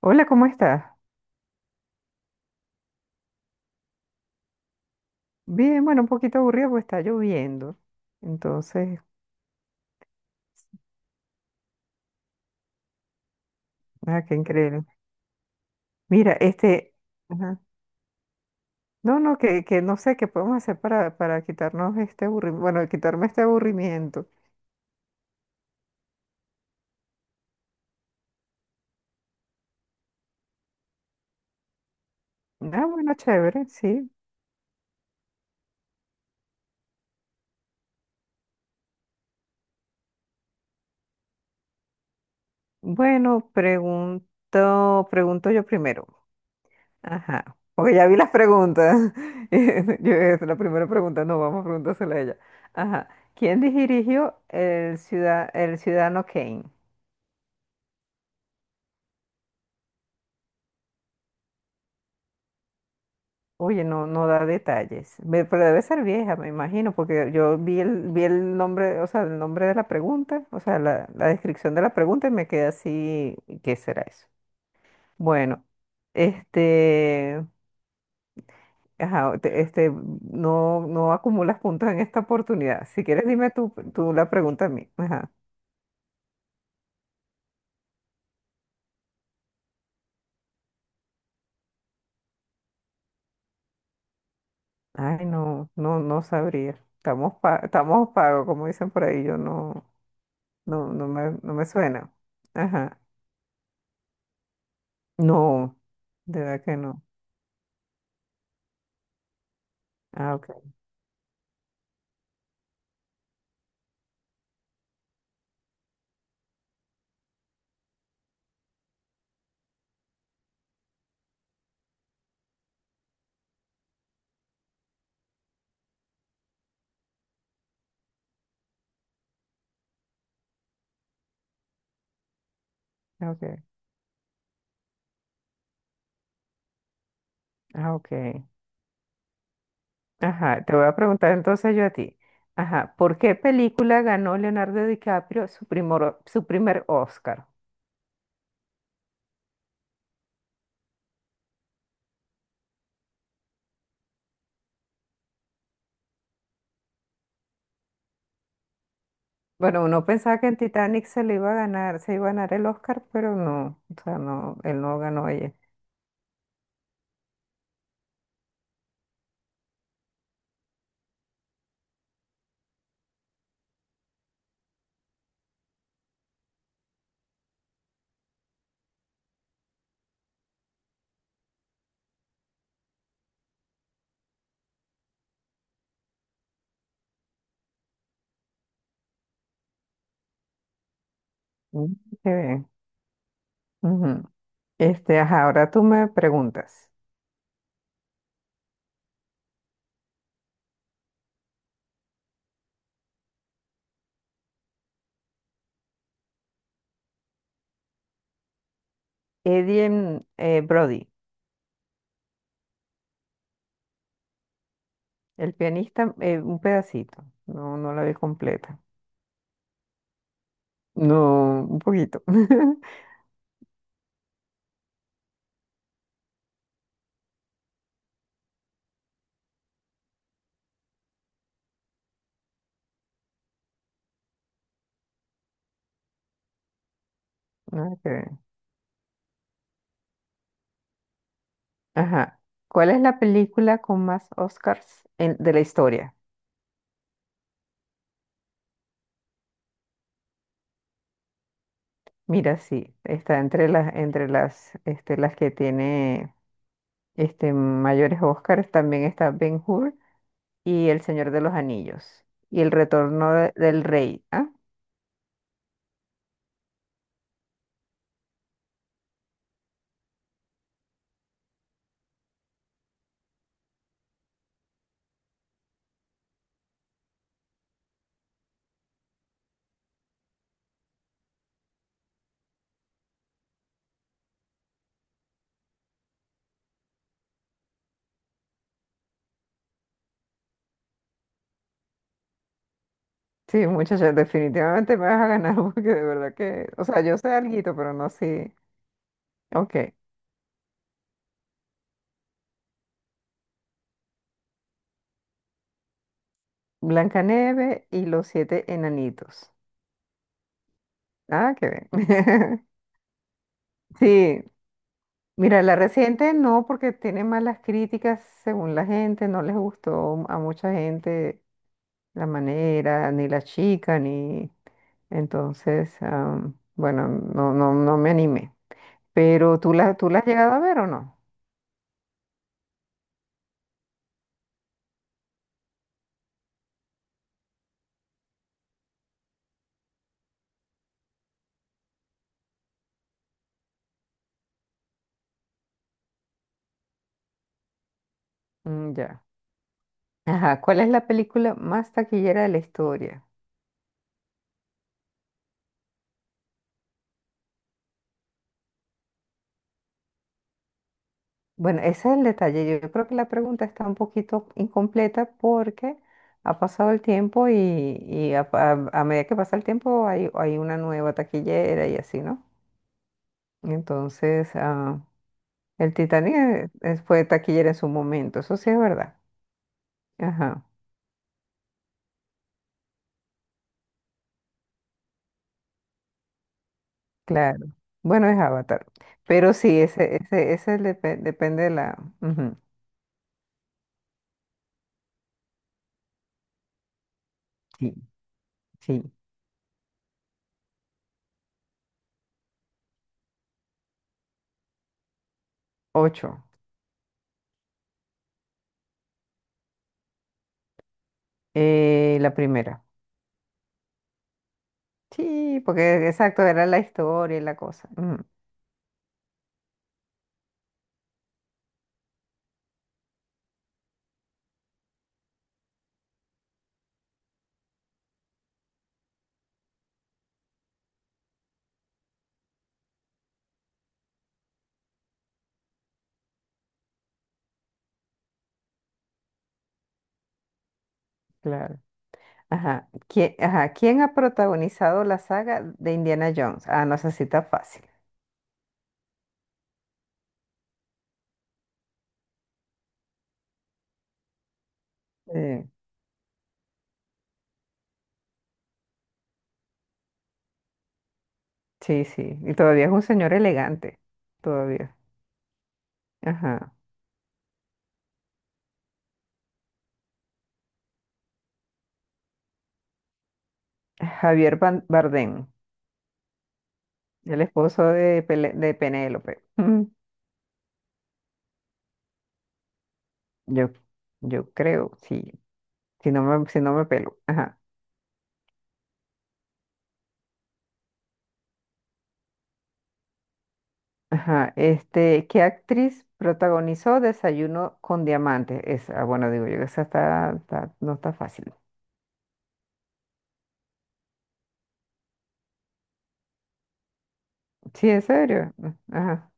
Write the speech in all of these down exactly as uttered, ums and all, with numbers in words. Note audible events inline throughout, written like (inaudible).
Hola, ¿cómo estás? Bien, bueno, un poquito aburrido porque está lloviendo. Entonces, ah, qué increíble. Mira, este, ajá. No, no, que, que no sé qué podemos hacer para, para quitarnos este aburrimiento, bueno, quitarme este aburrimiento. Ah, bueno, chévere, sí. Bueno, pregunto, pregunto yo primero. Ajá, porque ya vi las preguntas. (laughs) Yo, es la primera pregunta, no, vamos a preguntársela a ella. Ajá, ¿quién dirigió el ciudad, el Ciudadano Kane? Oye, no, no da detalles. Me- pero debe ser vieja, me imagino, porque yo vi el, vi el nombre, o sea, el nombre de la pregunta, o sea, la, la descripción de la pregunta y me quedé así, ¿qué será eso? Bueno, este, ajá, te- este, no, no acumulas puntos en esta oportunidad. Si quieres, dime tú, tú la pregunta a mí. Ajá. Ay, no, no, no sabría. Estamos pa- estamos pagos, como dicen por ahí, yo no, no, no me, no me suena. Ajá. No, de verdad que no. Ah, ok, ok, ah, ok. Ajá, te voy a preguntar entonces yo a ti. Ajá, ¿por qué película ganó Leonardo DiCaprio su primor- su primer Oscar? Bueno, uno pensaba que en Titanic se le iba a ganar, se iba a ganar el Oscar, pero no, o sea, no, él no ganó ella. Mm, qué bien. Ujú. Este, ajá, ahora tú me preguntas. Eddie em, eh, Brody, el pianista, eh, un pedacito, no, no la vi completa. No, un poquito. (laughs) Ok. Ajá. ¿Cuál es la película con más Oscars en- de la historia? Mira, sí, está entre las, entre las, este, las que tiene este, mayores Oscars. También está Ben-Hur y El Señor de los Anillos y El Retorno de- del Rey. ¿Ah? Sí, muchachos, definitivamente me vas a ganar (laughs) porque de verdad que, o sea, yo sé alguito, pero no sé. Ok, Blancanieves y los siete enanitos. Ah, qué bien. (laughs) Sí, mira, la reciente no, porque tiene malas críticas según la gente, no les gustó a mucha gente la manera, ni la chica, ni... Entonces, am, bueno, no, no, no me animé. Pero tú la, tú la has llegado a ver o no? Mm, ya. Ajá, ¿cuál es la película más taquillera de la historia? Bueno, ese es el detalle. Yo, yo creo que la pregunta está un poquito incompleta porque ha pasado el tiempo y, y a, a- a medida que pasa el tiempo hay, hay una nueva taquillera y así, ¿no? Entonces, ah, el Titanic eh, es- fue taquillera en su momento, eso sí es verdad. Ajá, claro. Bueno, es Avatar. Pero sí, ese, ese, ese depe- depende de la. Ujú, sí, sí. Ocho. Eh, la primera. Sí, porque exacto, era la historia y la cosa. Ujú, claro. Ajá. ¿Quién, ajá, ¿quién ha protagonizado la saga de Indiana Jones? Ah, no, esa sí está fácil. Eh, sí, sí. Y todavía es un señor elegante. Todavía. Ajá. Javier Ban- Bardem, el esposo de, Pele- de Penélope. (laughs) Mm, Yo, yo creo, sí, si no me, si no me pelo. Ajá, ajá. Este, ¿qué actriz protagonizó Desayuno con Diamantes? Esa, bueno, digo yo, esa está, está- no está fácil. Sí, en serio. Ajá,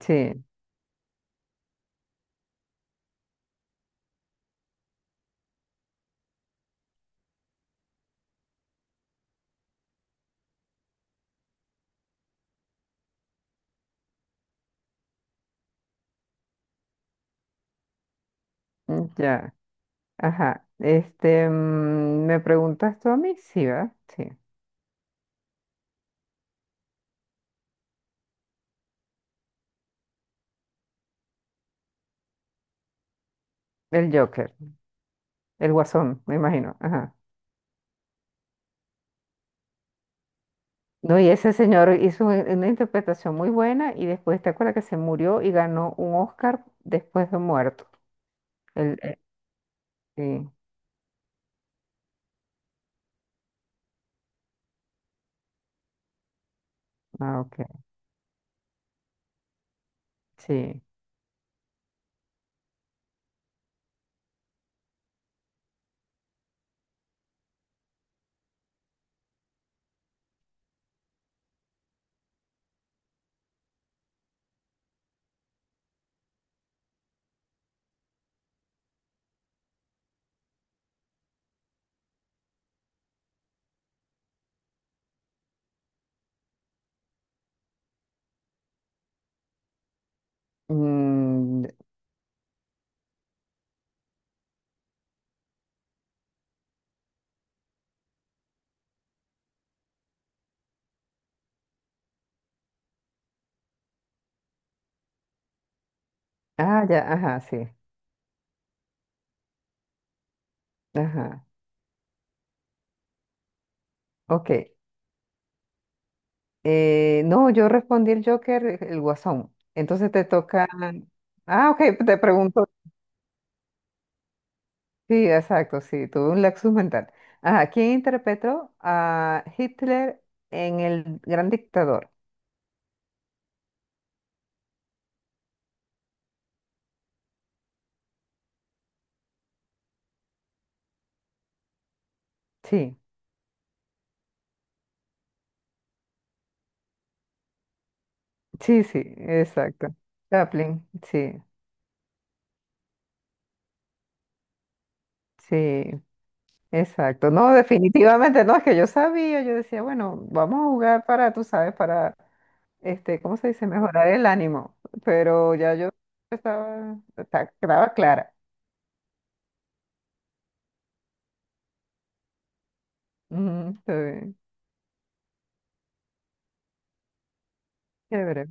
sí, mm, ya, ajá. Este, mm, ¿me preguntas tú a mí? Sí, ¿verdad? Sí. El Joker, el Guasón, me imagino. Ajá. No, y ese señor hizo un- una interpretación muy buena y después te acuerdas que se murió y ganó un Oscar después de muerto. El, eh, sí, ah, ok, sí. Mm, ah, ya, ajá, sí, ajá, ok. Eh, no, yo respondí el Joker, eh, el Guasón. Entonces te toca... Ah, ok, te pregunto. Sí, exacto, sí, tuve un lapsus mental. Ajá, ¿quién interpretó a Hitler en El Gran Dictador? Sí. Sí, sí, exacto. Chaplin, sí, sí, exacto. No, definitivamente no, es que yo sabía, yo decía, bueno, vamos a jugar para, tú sabes, para, este, ¿cómo se dice? Mejorar el ánimo, pero ya yo estaba, esta- estaba clara. Ujú, está bien, chévere.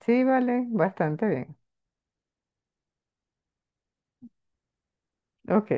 Sí, vale, bastante bien. Ok.